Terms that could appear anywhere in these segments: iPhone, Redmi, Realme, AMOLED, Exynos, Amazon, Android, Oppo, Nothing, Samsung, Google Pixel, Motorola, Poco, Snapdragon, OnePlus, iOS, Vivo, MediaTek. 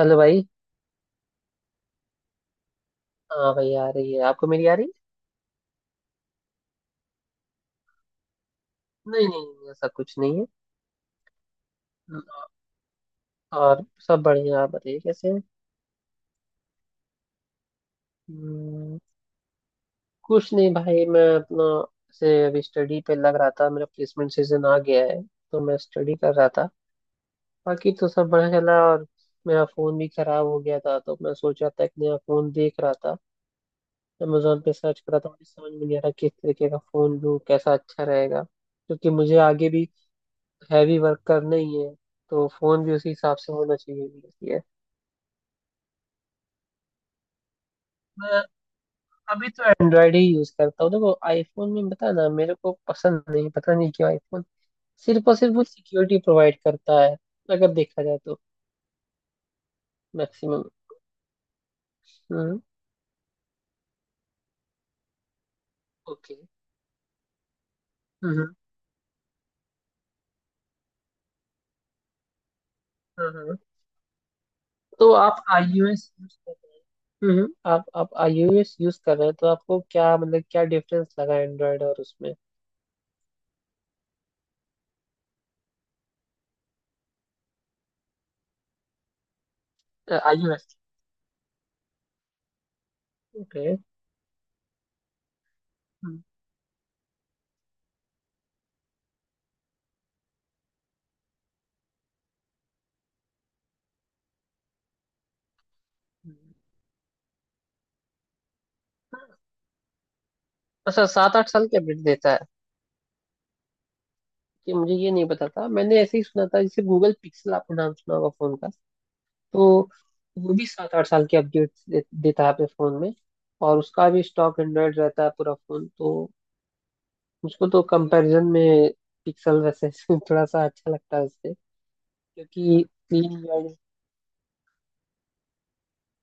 Hello भाई। हाँ भाई आ रही है, आपको मेरी आ रही है। नहीं नहीं ऐसा कुछ नहीं है। और सब बढ़िया, आप बताइए कैसे हैं। हम्म, कुछ नहीं भाई मैं अपना से अभी स्टडी पे लग रहा था, मेरा प्लेसमेंट सीजन आ गया है तो मैं स्टडी कर रहा था। बाकी तो सब बढ़िया चला, और मेरा फ़ोन भी ख़राब हो गया था तो मैं सोचा था एक नया फ़ोन देख रहा था। अमेजोन पे सर्च करा था, मुझे समझ में नहीं आ रहा किस तरीके का फ़ोन लूँ कैसा अच्छा रहेगा, क्योंकि मुझे आगे भी हैवी वर्क करना ही है। तो फोन भी उसी हिसाब से होना चाहिए भी है। मैं अभी तो एंड्रॉयड ही यूज करता हूँ, देखो आईफोन में बता ना, मेरे को पसंद नहीं, पता नहीं क्यों आईफोन सिर्फ और सिर्फ वो सिक्योरिटी प्रोवाइड करता है अगर देखा जाए तो, maximum. Hmm. Okay. Hmm. Hmm. तो आप iOS यूज कर रहे हैं। हम्म, आप iOS यूज कर रहे हैं तो आपको क्या मतलब, क्या डिफरेंस लगा एंड्रॉयड और उसमें। iOS। ओके। हम्म। हम्म। अच्छा, 7 8 साल की अपडेट देता है, कि मुझे ये नहीं पता था, मैंने ऐसे ही सुना था, जैसे गूगल पिक्सल आपने नाम सुना होगा फोन का। तो वो भी 7 8 साल की देता है अपने फोन में, और उसका भी स्टॉक एंड्रॉयड रहता है पूरा फोन तो। मुझको तो कंपैरिजन में पिक्सल वैसे थोड़ा सा अच्छा लगता है उससे, क्योंकि क्लीन।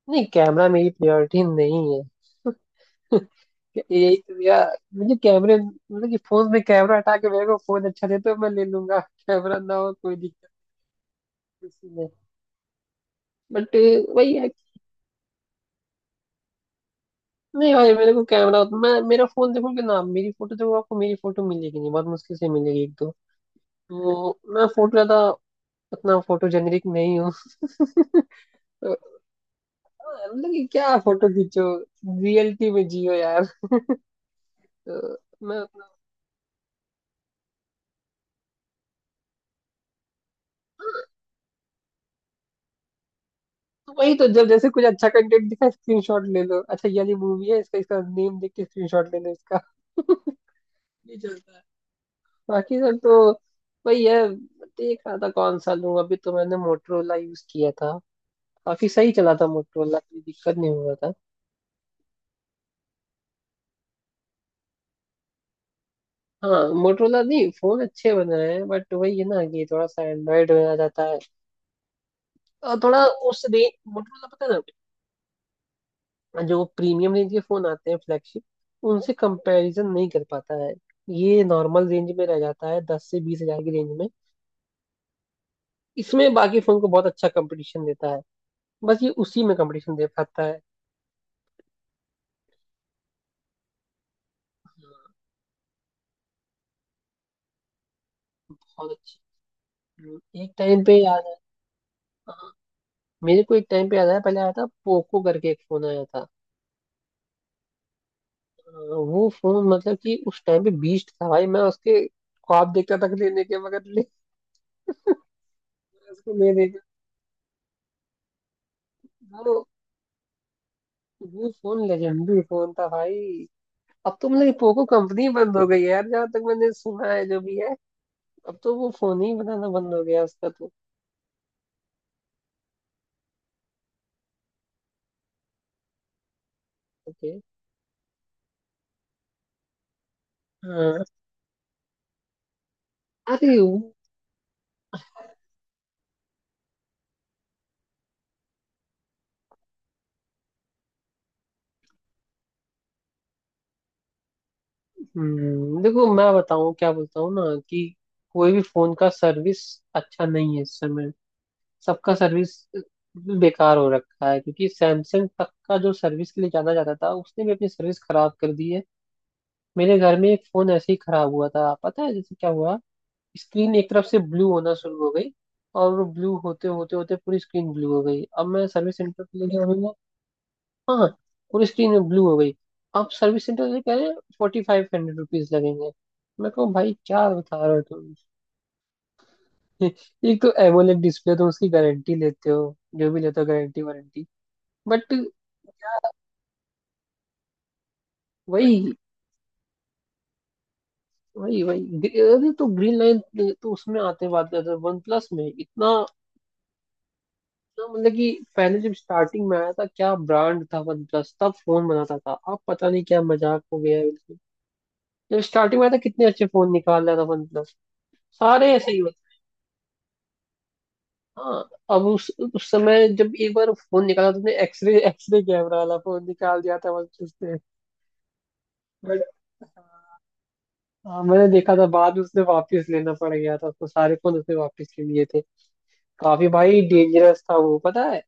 नहीं, कैमरा मेरी प्रायोरिटी नहीं है। यही तो भैया मुझे कैमरे मतलब कि फोन में कैमरा हटा के मेरे को फोन अच्छा दे तो मैं ले लूंगा। कैमरा ना हो कोई दिक्कत किसी में। बट वही है। नहीं भाई, मेरे को कैमरा, मैं, मेरा फोन देखोगे ना, मेरी फोटो देखो, आपको मेरी फोटो मिलेगी नहीं, बहुत मुश्किल से मिलेगी एक दो। तो मैं फोटो ज्यादा, उतना फोटो जेनरिक नहीं हूँ। तो मतलब कि क्या फोटो खींचो, रियलिटी में जियो यार। तो मैं उतना- तो वही तो, जब जैसे कुछ अच्छा कंटेंट दिखा स्क्रीनशॉट ले लो, अच्छा ये वाली मूवी है इसका इसका नेम देख के स्क्रीनशॉट ले लो इसका। ये चलता है बाकी सब तो। वही है, देख रहा था कौन सा लूं, अभी तो मैंने मोटरोला यूज किया था, काफी सही चला था मोटरोला, कोई दिक्कत नहीं हुआ था। हाँ मोटरोला, नहीं फोन अच्छे बन रहे हैं बट वही है ना कि थोड़ा सा एंड्रॉइड में आ जाता है, और थोड़ा उस रेंज मोटरोला, पता है ना जो प्रीमियम रेंज के फोन आते हैं फ्लैगशिप, उनसे कंपैरिजन नहीं कर पाता है, ये नॉर्मल रेंज में रह जाता है 10 से 20 हजार की रेंज में। इसमें बाकी फोन को बहुत अच्छा कंपटीशन देता है, बस ये उसी में कंपटीशन दे पाता है। हाँ, बहुत अच्छी। एक टाइम पे याद है। हाँ, मेरे को एक टाइम पे याद है, पहले आया था पोको करके एक फोन आया था। वो फोन मतलब कि उस टाइम पे बीस्ट था भाई, मैं उसके ख्वाब देखता था कि लेने के मगर ले। मैं उसको ले देखा। वो वो फोन लेजेंडरी फोन था भाई। अब तो मतलब पोको कंपनी बंद हो गई है यार, जहाँ तक मैंने सुना है जो भी है। अब तो वो फोन ही बनाना बंद हो गया उसका तो। ओके। हाँ। अरे वो- देखो मैं बताऊँ क्या बोलता हूँ ना, कि कोई भी फोन का सर्विस अच्छा नहीं है इस समय। सबका सर्विस बेकार हो रखा है, क्योंकि सैमसंग तक का जो सर्विस के लिए जाना जाता था उसने भी अपनी सर्विस खराब कर दी है। मेरे घर में एक फोन ऐसे ही खराब हुआ था, पता है जैसे क्या हुआ, स्क्रीन एक तरफ से ब्लू होना शुरू हो गई और वो ब्लू होते होते होते पूरी स्क्रीन ब्लू हो गई, अब मैं सर्विस सेंटर पे लेके आऊंगा। हाँ, पूरी स्क्रीन ब्लू हो गई। अब सर्विस सेंटर से कह रहे हैं 4500 रुपीज लगेंगे, मैं कहूँ भाई क्या बता रहे हो तुम। एक तो एमोलेड डिस्प्ले तो उसकी गारंटी लेते हो, जो भी लेते हो गारंटी वारंटी। बट वही वही वही अरे तो ग्रीन लाइन। तो उसमें आते बात कर वन प्लस में इतना इतना मतलब कि पहले जब स्टार्टिंग में आया था, क्या ब्रांड था वन प्लस, तब फोन बनाता था, अब पता नहीं क्या मजाक हो गया है बिल्कुल। जब स्टार्टिंग में आया था कितने अच्छे फोन निकाल रहा था वन प्लस, सारे ऐसे ही होते। हाँ, अब उस समय जब एक बार फोन निकाला तो उसने एक्सरे एक्सरे कैमरा वाला फोन निकाल दिया था वन प्लस ने। बट हाँ, मैंने देखा था बाद में उसने वापस लेना पड़ गया था उसको, सारे फोन उसने वापस ले लिए थे। काफी भाई डेंजरस था वो, पता है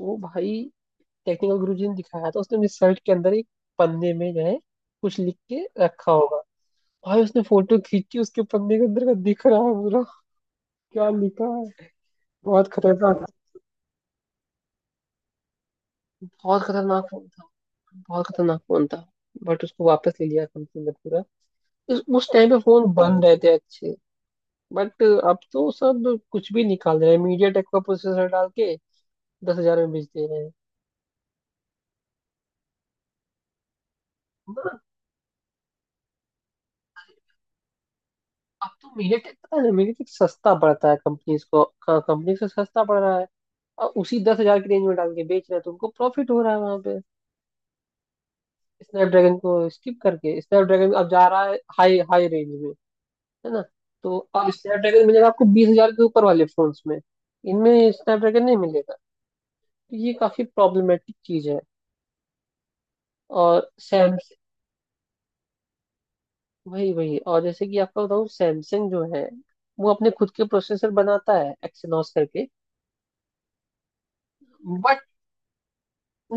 वो भाई। टेक्निकल गुरु जी ने दिखाया था, उसने मेरे शर्ट के अंदर एक पन्ने में जो है कुछ लिख के रखा होगा, भाई उसने फोटो खींची, उसके पन्ने के अंदर का दिख रहा है पूरा, क्या लिखा है। बहुत खतरनाक। बहुत खतरनाक फोन था। बहुत खतरनाक फोन था। बट उसको वापस ले लिया कंपनी ने पूरा। उस टाइम पे फोन बन रहे थे अच्छे। बट अब तो सब कुछ भी निकाल रहे हैं मीडिया टेक का प्रोसेसर डाल के, 10 हजार में बेच दे रहे हैं। अब तो मीडियाटेक, पता है मीडियाटेक सस्ता पड़ता है कंपनीज को, कंपनी से सस्ता पड़ रहा है, और उसी 10 हजार की रेंज में डाल के बेच रहे हैं तो उनको प्रॉफिट हो रहा है वहां पे। स्नैपड्रैगन को स्किप करके स्नैपड्रैगन अब जा रहा है हाई हाई रेंज में, है ना। तो अब स्नैपड्रैगन मिलेगा आपको 20 हजार के ऊपर वाले फोन्स में, इनमें स्नैपड्रैगन नहीं मिलेगा। तो ये काफी प्रॉब्लमेटिक चीज है। और सैमसंग, वही वही और जैसे कि आपको बताऊँ, सैमसंग जो है वो अपने खुद के प्रोसेसर बनाता है एक्सिनॉस करके।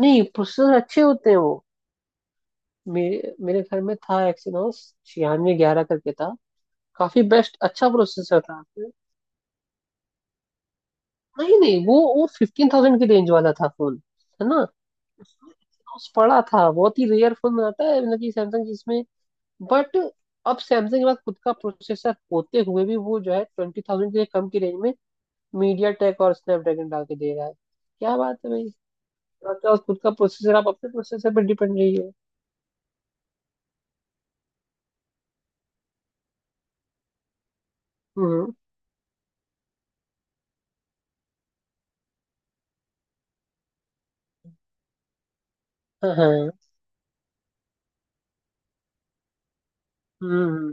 नहीं प्रोसेसर अच्छे होते हैं वो। मेरे मेरे घर में था एक्सिनोस 9611 करके था, काफी बेस्ट अच्छा प्रोसेसर था उसमें। नहीं नहीं वो 15,000 की रेंज वाला था फोन, है ना। उसमें Exynos पड़ा था, बहुत ही रेयर फोन आता है मतलब कि सैमसंग जिसमें। बट अब सैमसंग के पास खुद का प्रोसेसर होते हुए भी वो जो है 20,000 से कम की रेंज में मीडिया टेक और स्नैपड्रैगन डाल के दे रहा है। क्या बात है भाई, आपके पास खुद का प्रोसेसर आप अपने प्रोसेसर पर डिपेंड रही हो। हम्म। हाँ हाँ। हम्म।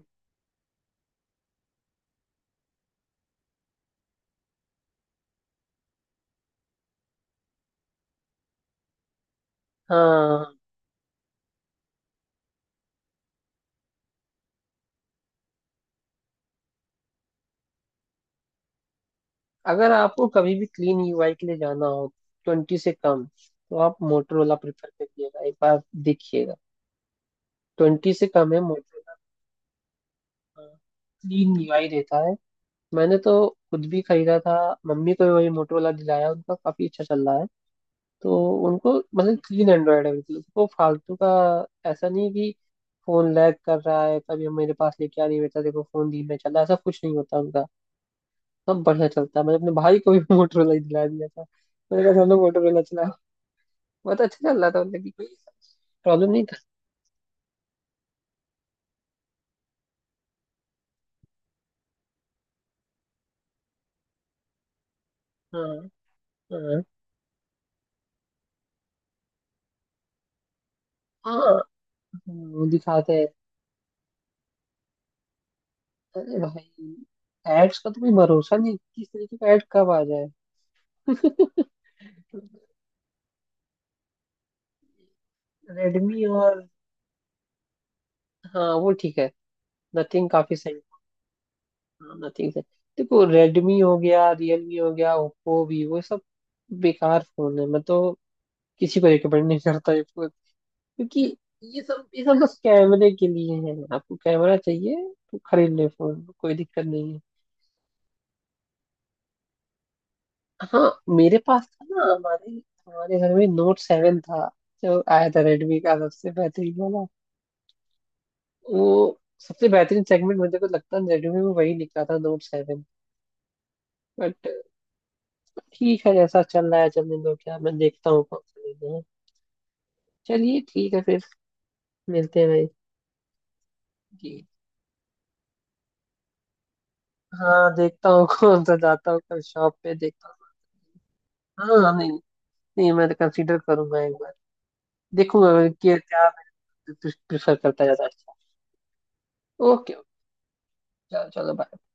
हाँ। अगर आपको कभी भी क्लीन यूआई के लिए जाना हो 20 से कम, तो आप मोटरोला प्रेफर करिएगा एक बार, देखिएगा। 20 से कम है मोटरोला, क्लीन यूआई देता है। मैंने तो खुद भी खरीदा था, मम्मी को भी वही मोटरोला दिलाया, उनका काफी अच्छा चल रहा है तो। उनको मतलब क्लीन एंड्रॉयड है बिल्कुल, उनको फालतू का, ऐसा नहीं कि फोन लैग कर रहा है तभी हम मेरे पास लेके आ, नहीं बेटा देखो फोन धीमे चल रहा है, ऐसा कुछ नहीं होता उनका। सब बढ़िया चलता है, मैंने अपने भाई को भी मोटरोला ही दिला दिया था। मैंने कहा सामने मोटरोला चला, बहुत अच्छा चल रहा था मतलब कि कोई प्रॉब्लम नहीं था। हाँ। हाँ। हाँ। हाँ, दिखाते हैं। अरे भाई, एड्स का तो कोई भरोसा नहीं, किस तरीके का एड कब आ जाए। रेडमी और, हाँ वो ठीक है। नथिंग काफी सही। हाँ नथिंग सही। देखो रेडमी हो गया, रियलमी हो गया, ओप्पो वीवो सब बेकार फोन है, मैं तो किसी को रिकमेंड नहीं करता, क्योंकि ये सब बस कैमरे के लिए है, आपको कैमरा चाहिए तो खरीद ले फोन कोई दिक्कत नहीं है। हाँ मेरे पास था ना, हमारे हमारे घर में Note 7 था, जो आया था रेडमी का सबसे बेहतरीन वाला। वो सबसे बेहतरीन सेगमेंट मुझे को लगता है रेडमी में वही निकला था, Note 7। बट ठीक है, जैसा चल रहा है चलने दो, क्या मैं देखता हूँ कौन सा लेना है। चलिए ठीक है फिर, मिलते हैं भाई। जी। हाँ देखता हूँ कौन सा, जाता हूँ कल शॉप पे देखता हूँ। हाँ नहीं, नहीं मैं तो कंसीडर करूंगा एक बार, देखूंगा कि क्या प्रेफर करता है ज्यादा अच्छा। ओके ओके, चलो चलो bye।